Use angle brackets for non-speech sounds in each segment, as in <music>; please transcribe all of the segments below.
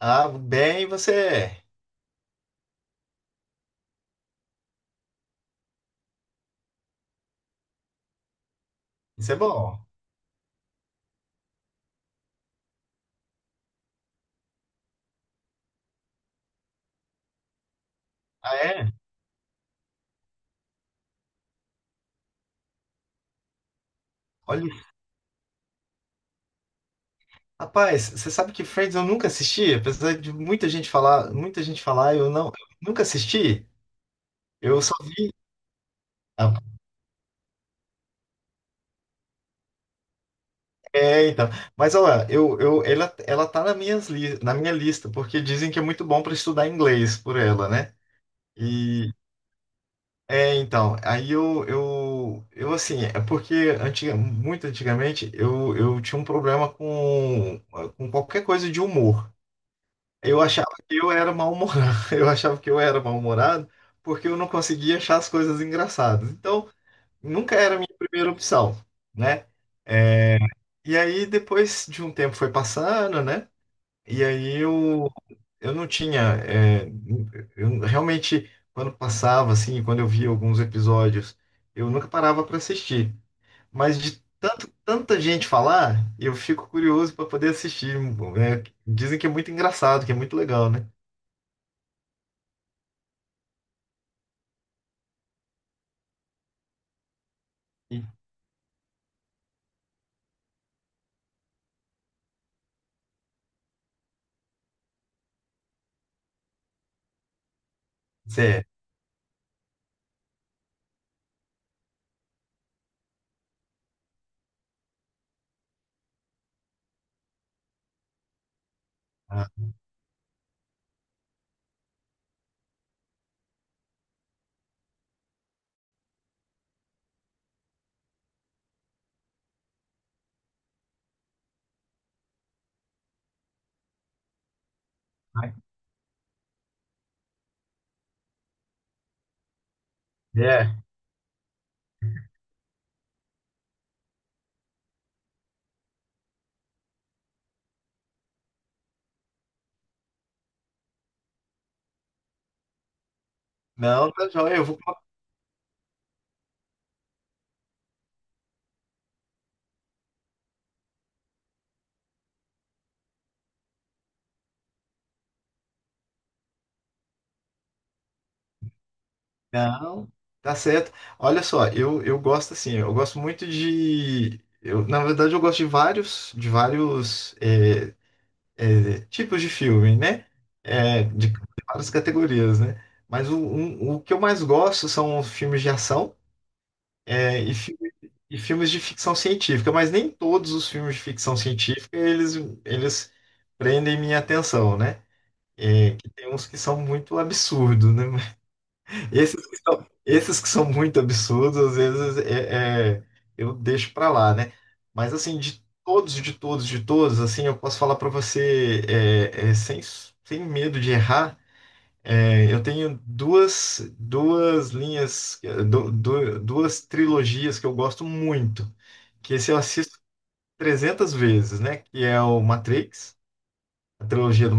Ah, bem, você é. Isso é bom. Ah, é? Olha, rapaz, você sabe que Friends eu nunca assisti, apesar de muita gente falar, eu nunca assisti. Eu só vi. Ah, é, então. Mas olha, ela tá na minha lista, porque dizem que é muito bom para estudar inglês por ela, né? E é, então, aí eu assim, é porque muito antigamente eu tinha um problema com qualquer coisa de humor. Eu achava que eu era mal-humorado. <laughs> Eu achava que eu era mal-humorado porque eu não conseguia achar as coisas engraçadas. Então, nunca era a minha primeira opção, né? E aí, depois de um tempo foi passando, né? E aí eu não tinha. Eu realmente, quando passava, assim, quando eu via alguns episódios, eu nunca parava para assistir. Mas de tanta gente falar, eu fico curioso para poder assistir. Né? Dizem que é muito engraçado, que é muito legal, né? E- Zé. Ai, é, não, tá joia, eu vou. Não, tá certo. Olha só, eu gosto assim, eu gosto muito de. Eu, na verdade, eu gosto de vários tipos de filme, né? É, de várias categorias, né? Mas o que eu mais gosto são filmes de ação é, e, fi- e filmes de ficção científica, mas nem todos os filmes de ficção científica eles prendem minha atenção, né? É, que tem uns que são muito absurdos, né? Esses que são muito absurdos, às vezes eu deixo pra lá, né? Mas assim, de todos, assim, eu posso falar pra você sem medo de errar. Eu tenho duas, duas linhas, é, du- du- duas trilogias que eu gosto muito, que esse eu assisto 300 vezes, né? Que é o Matrix, a trilogia do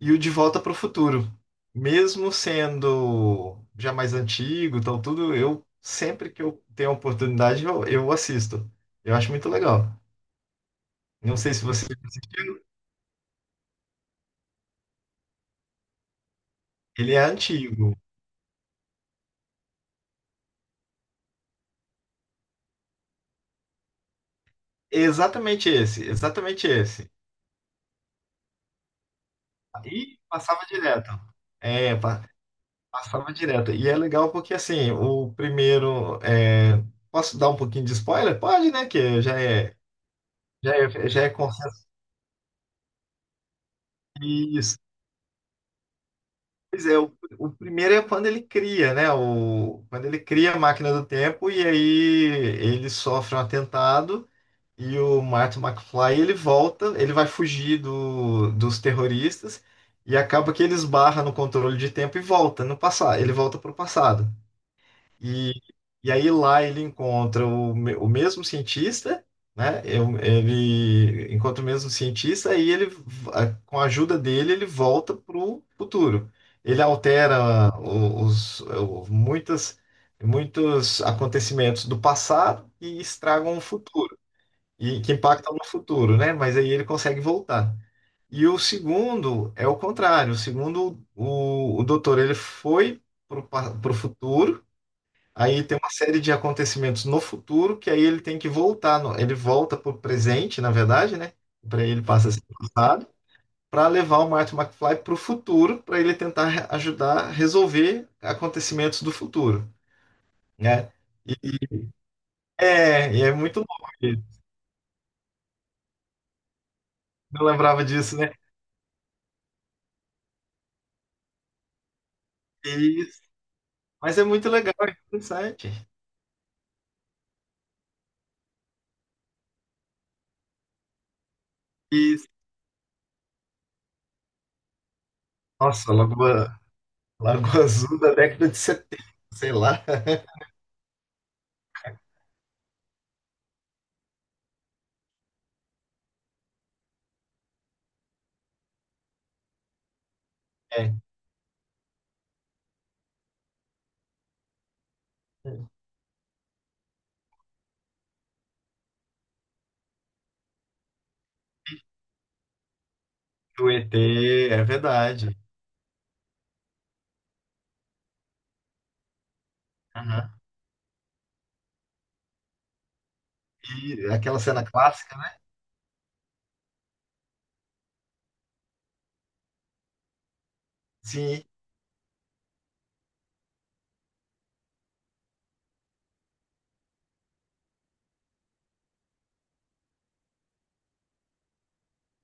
e o De Volta para o Futuro. Mesmo sendo já mais antigo, tal tudo, eu sempre que eu tenho a oportunidade, eu assisto. Eu acho muito legal. Não sei se você assistiu, ele é antigo. Exatamente esse, exatamente esse. E passava direto. É, passava direto. E é legal porque assim, o primeiro é, posso dar um pouquinho de spoiler? Pode, né? Que já é consenso. Pois é, o primeiro é quando ele cria, né? Quando ele cria a máquina do tempo e aí ele sofre um atentado e o Martin McFly ele volta, ele vai fugir dos terroristas e acaba que ele esbarra no controle de tempo e volta no passado, ele volta para o passado. E, e aí lá ele encontra o mesmo cientista, né? Ele encontra o mesmo cientista e com a ajuda dele, ele volta para o futuro. Ele altera muitos acontecimentos do passado e estragam o futuro, e que impactam no futuro, né? Mas aí ele consegue voltar. E o segundo é o contrário. O segundo, o doutor, ele foi para o futuro. Aí tem uma série de acontecimentos no futuro que aí ele tem que voltar, ele volta para o presente, na verdade, né? Para ele passa a ser passado, para levar o Marty McFly para o futuro, para ele tentar ajudar a resolver acontecimentos do futuro, né? E e e é muito louco, ele não lembrava disso, né? E- mas é muito legal, é interessante. E, nossa, Lagoa Azul da década de 70, sei lá. <laughs> É, do ET, é verdade. E aquela cena clássica, né? Sim,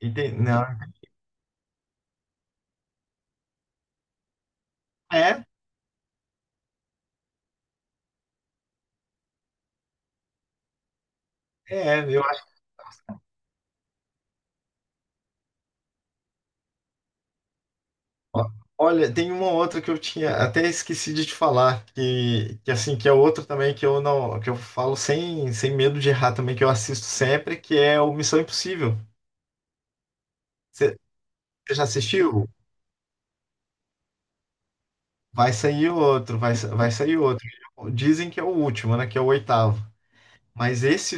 entendi. Não. É, eu acho. ó, Olha, tem uma outra que eu tinha até esqueci de te falar, que assim, que é outra também que eu não, que eu falo sem medo de errar também, que eu assisto sempre, que é o Missão Impossível. Você você já assistiu? Vai sair outro, vai sair outro. Dizem que é o último, né? Que é o oitavo. Mas esse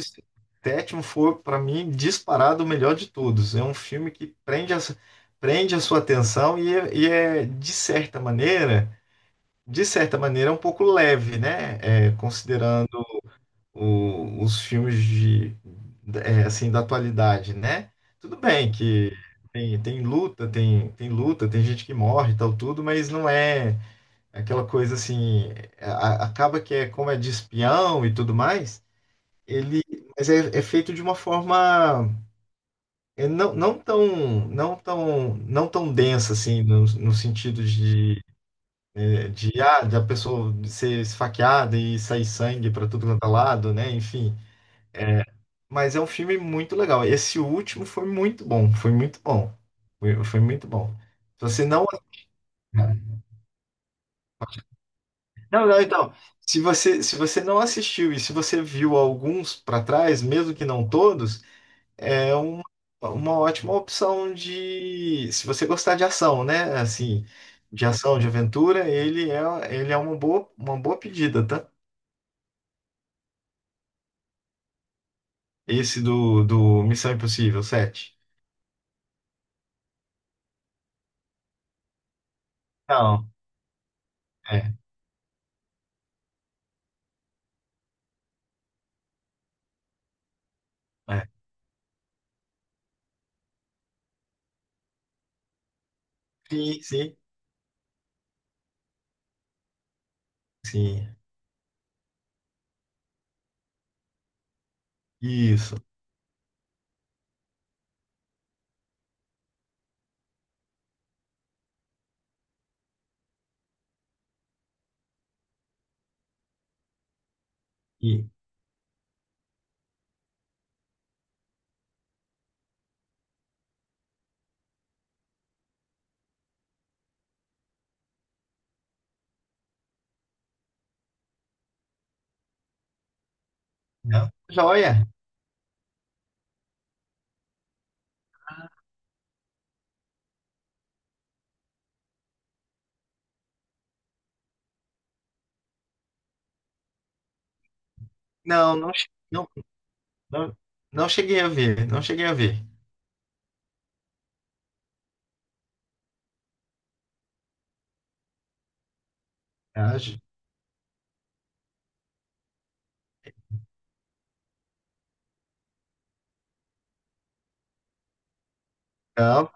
sétimo foi, para mim, disparado o melhor de todos. É um filme que prende a sua atenção e é, de certa maneira, é um pouco leve, né? É, considerando os filmes de, assim, da atualidade, né? Tudo bem que tem luta, tem luta, tem gente que morre e tal, tudo, mas não é aquela coisa assim. a- Acaba que é como é de espião e tudo mais. Ele, mas é feito de uma forma não, não tão densa assim no sentido de da pessoa ser esfaqueada e sair sangue para tudo quanto é lado, né? Enfim, é, mas é um filme muito legal. Esse último foi muito bom, foi muito bom, foi muito bom. Se você não não, não, então, se você não assistiu e se você viu alguns para trás, mesmo que não todos. É uma ótima opção de, se você gostar de ação, né? Assim, de ação, de aventura, ele é uma boa pedida, tá? Esse do Missão Impossível sete. Não, é, é. Sim, sim, sim. Isso. E, não, joia. Não, não, não, não, não cheguei a ver, não cheguei a ver. Ah, não.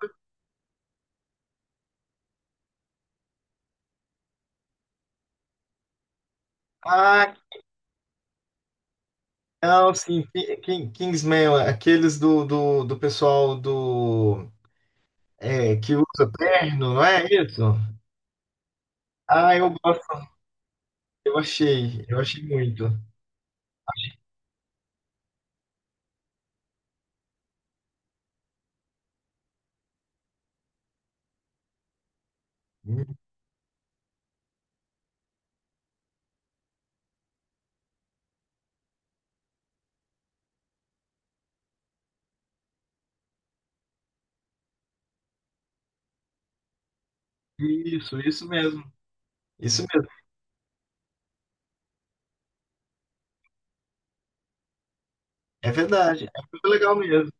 Ah, não, sim, Kingsman, aqueles do pessoal do. É, que usa terno, não é isso? Ah, eu gosto, eu achei muito. Isso mesmo, isso mesmo. É verdade, é muito legal mesmo.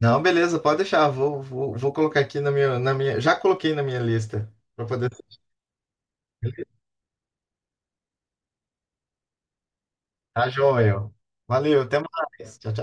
Não, beleza, pode deixar, vou colocar aqui já coloquei na minha lista, para poder, tá, joia. Valeu, até mais, tchau,